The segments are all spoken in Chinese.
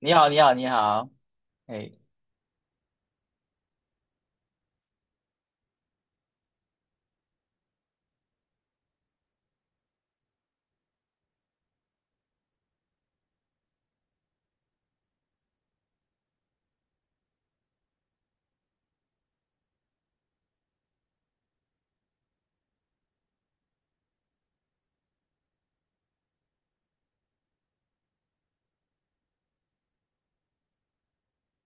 你好，你好，你好，哎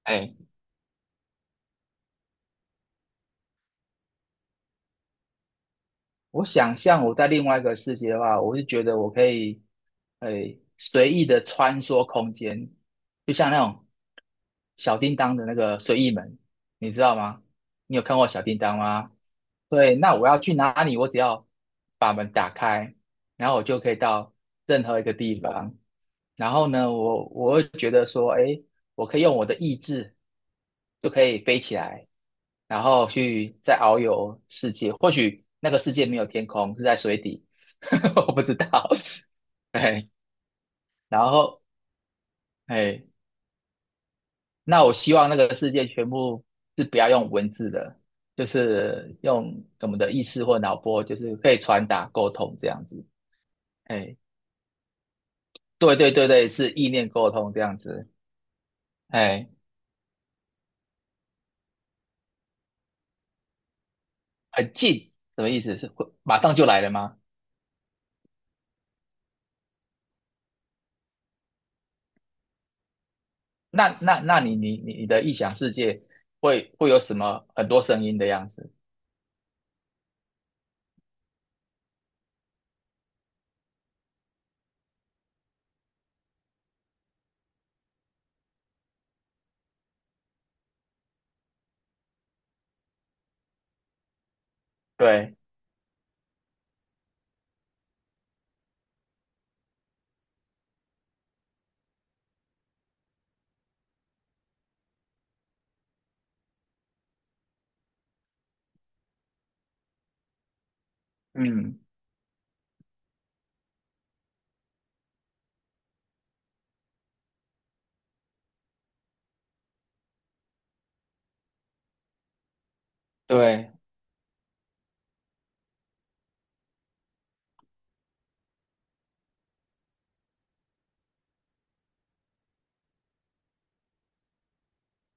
哎，我想象我在另外一个世界的话，我就觉得我可以，哎，随意的穿梭空间，就像那种小叮当的那个随意门，你知道吗？你有看过小叮当吗？对，那我要去哪里？我只要把门打开，然后我就可以到任何一个地方。然后呢，我会觉得说，诶，我可以用我的意志就可以飞起来，然后去再遨游世界。或许那个世界没有天空，是在水底，我不知道。哎，然后哎。那我希望那个世界全部是不要用文字的，就是用我们的意识或脑波，就是可以传达沟通这样子。哎，对对对对，是意念沟通这样子。哎，很近，什么意思？是会马上就来了吗？那你的臆想世界会有什么很多声音的样子？对，嗯，对。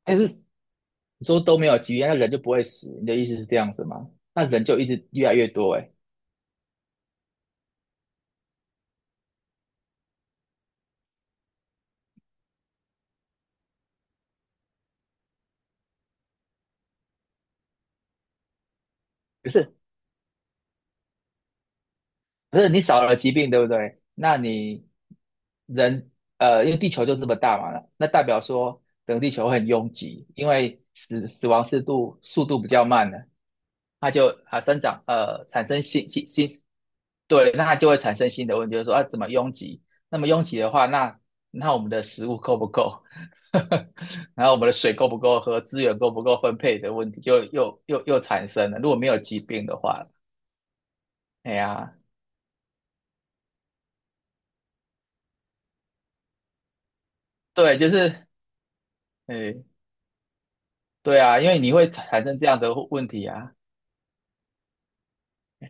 但是你说都没有疾病，那人就不会死，你的意思是这样子吗？那人就一直越来越多哎、欸，哎，可是不是你少了疾病，对不对？那你人因为地球就这么大嘛，那代表说整个地球会很拥挤，因为死亡速度比较慢了，它就生长产生新，对，那它就会产生新的问题，就是说啊怎么拥挤？那么拥挤的话，那我们的食物够不够？然后我们的水够不够喝？资源够不够分配的问题又产生了。如果没有疾病的话，哎呀，对，就是。哎，对啊，因为你会产生这样的问题啊，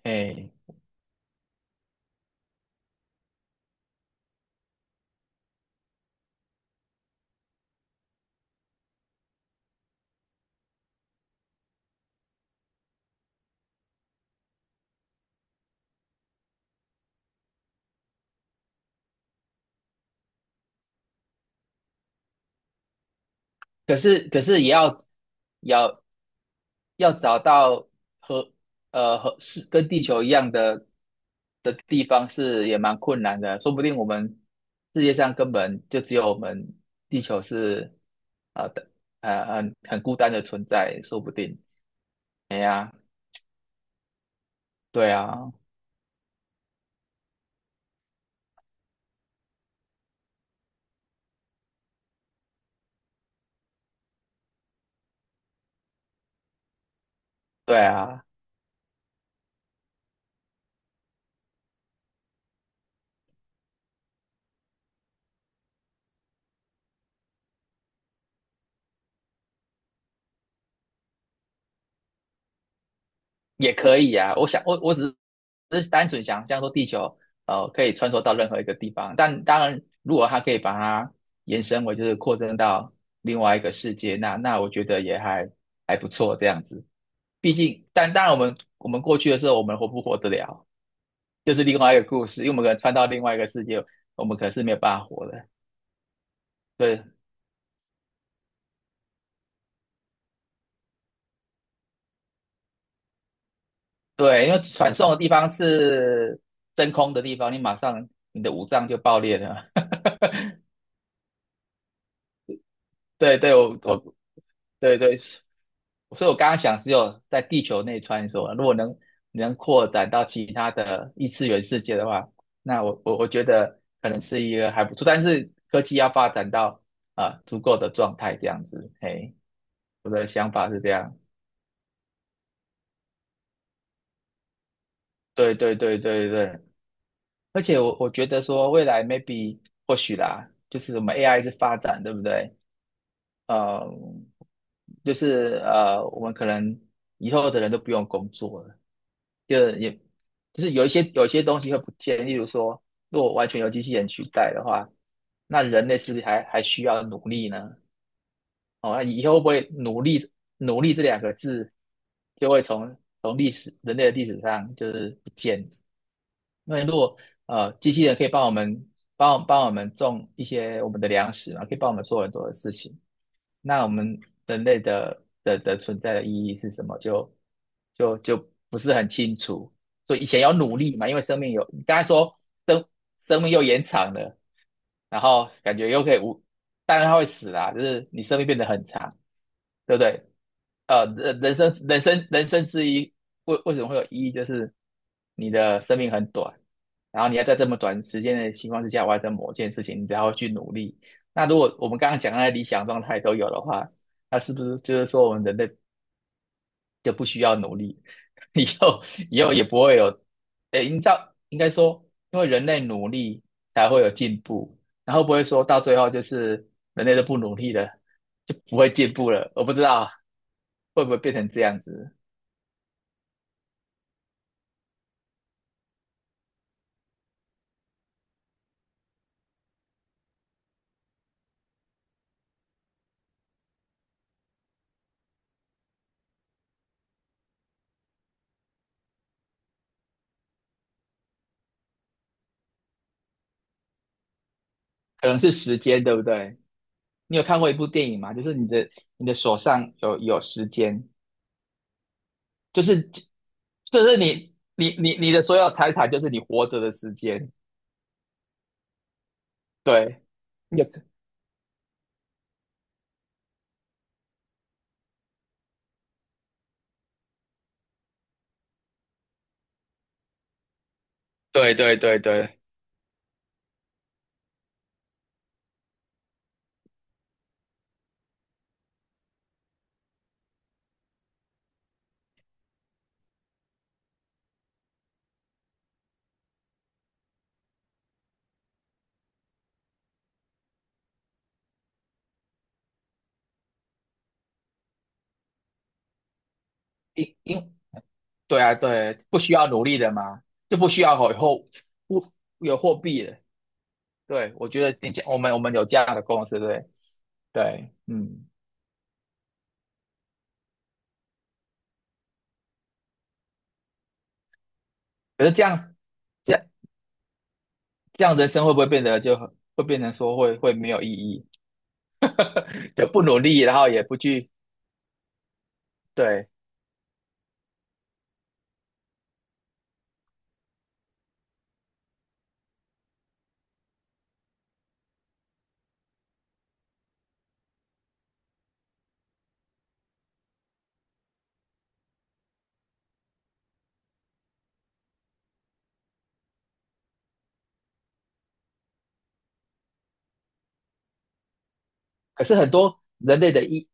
哎，可是也要要找到和和是跟地球一样的地方是也蛮困难的，说不定我们世界上根本就只有我们地球是的很孤单的存在，说不定。对啊，对啊，也可以啊。我想，我只是单纯想象说地球可以穿梭到任何一个地方，但当然，如果它可以把它延伸为就是扩增到另外一个世界，那我觉得也还不错这样子。毕竟，但当然我们过去的时候，我们活不活得了，就是另外一个故事，因为我们可能穿到另外一个世界，我们可能是没有办法活的。对对，因为传送的地方是真空的地方，你马上你的五脏就爆裂了。对对，对对，所以我刚刚想只有在地球内穿梭，如果能扩展到其他的异次元世界的话，那我觉得可能是一个还不错，但是科技要发展到足够的状态这样子，嘿，我的想法是这样。对对对对对，而且我觉得说未来 maybe 或许啦，就是我们 AI 是发展，对不对？呃，就是我们可能以后的人都不用工作了。就是也就是有一些东西会不见，例如说，如果完全由机器人取代的话，那人类是不是还需要努力呢？哦，那以后会不会努力，努力这两个字就会从历史，人类的历史上就是不见？因为如果机器人可以帮帮我们种一些我们的粮食嘛，可以帮我们做很多的事情，那我们人类的存在的意义是什么？就不是很清楚。所以以前要努力嘛，因为生命有，你刚才说生生命又延长了，然后感觉又可以无，当然它会死啦，就是你生命变得很长，对不对？人生之一，为什么会有意义？就是你的生命很短，然后你要在这么短时间的情况之下完成某件事情，你才会去努力。那如果我们刚刚讲的那理想状态都有的话，那是不是就是说我们人类就不需要努力，以后也不会有，诶，你知道应该说，因为人类努力才会有进步，然后不会说到最后就是人类都不努力了，就不会进步了。我不知道会不会变成这样子，可能是时间，对不对？你有看过一部电影吗？就是你的手上有时间，就是你的所有财产就是你活着的时间，对，你有对对对对，因因对啊，对，不需要努力的嘛，就不需要有货不有货币了。对，我觉得你讲我们有这样的公司，对对，嗯。可是这样这样人生会不会变得就很会变成说会没有意义，就不努力，然后也不去，对。可是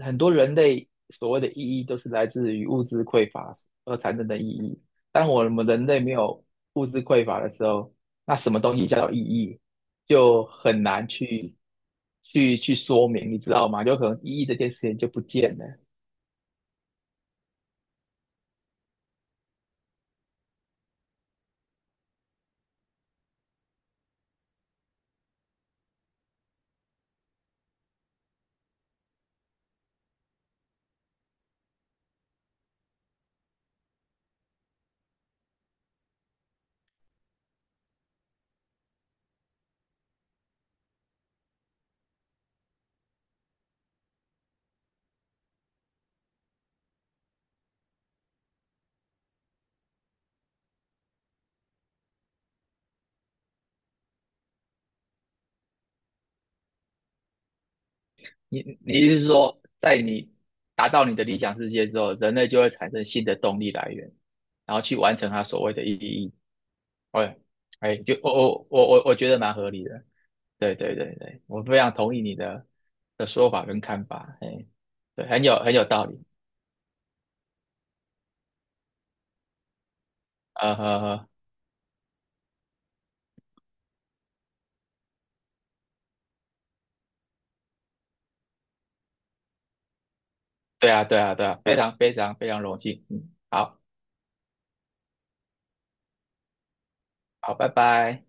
很多人类所谓的意义都是来自于物质匮乏而产生的意义。当我们人类没有物质匮乏的时候，那什么东西叫做意义，就很难去说明，你知道吗？有可能意义这件事情就不见了。你意思是说，在你达到你的理想世界之后，人类就会产生新的动力来源，然后去完成它所谓的意义？哎哎，就我觉得蛮合理的，对对对对，我非常同意你的说法跟看法，哎，对，很有道理，呵呵，对啊对啊对啊，非常非常非常荣幸，嗯，好好，拜拜。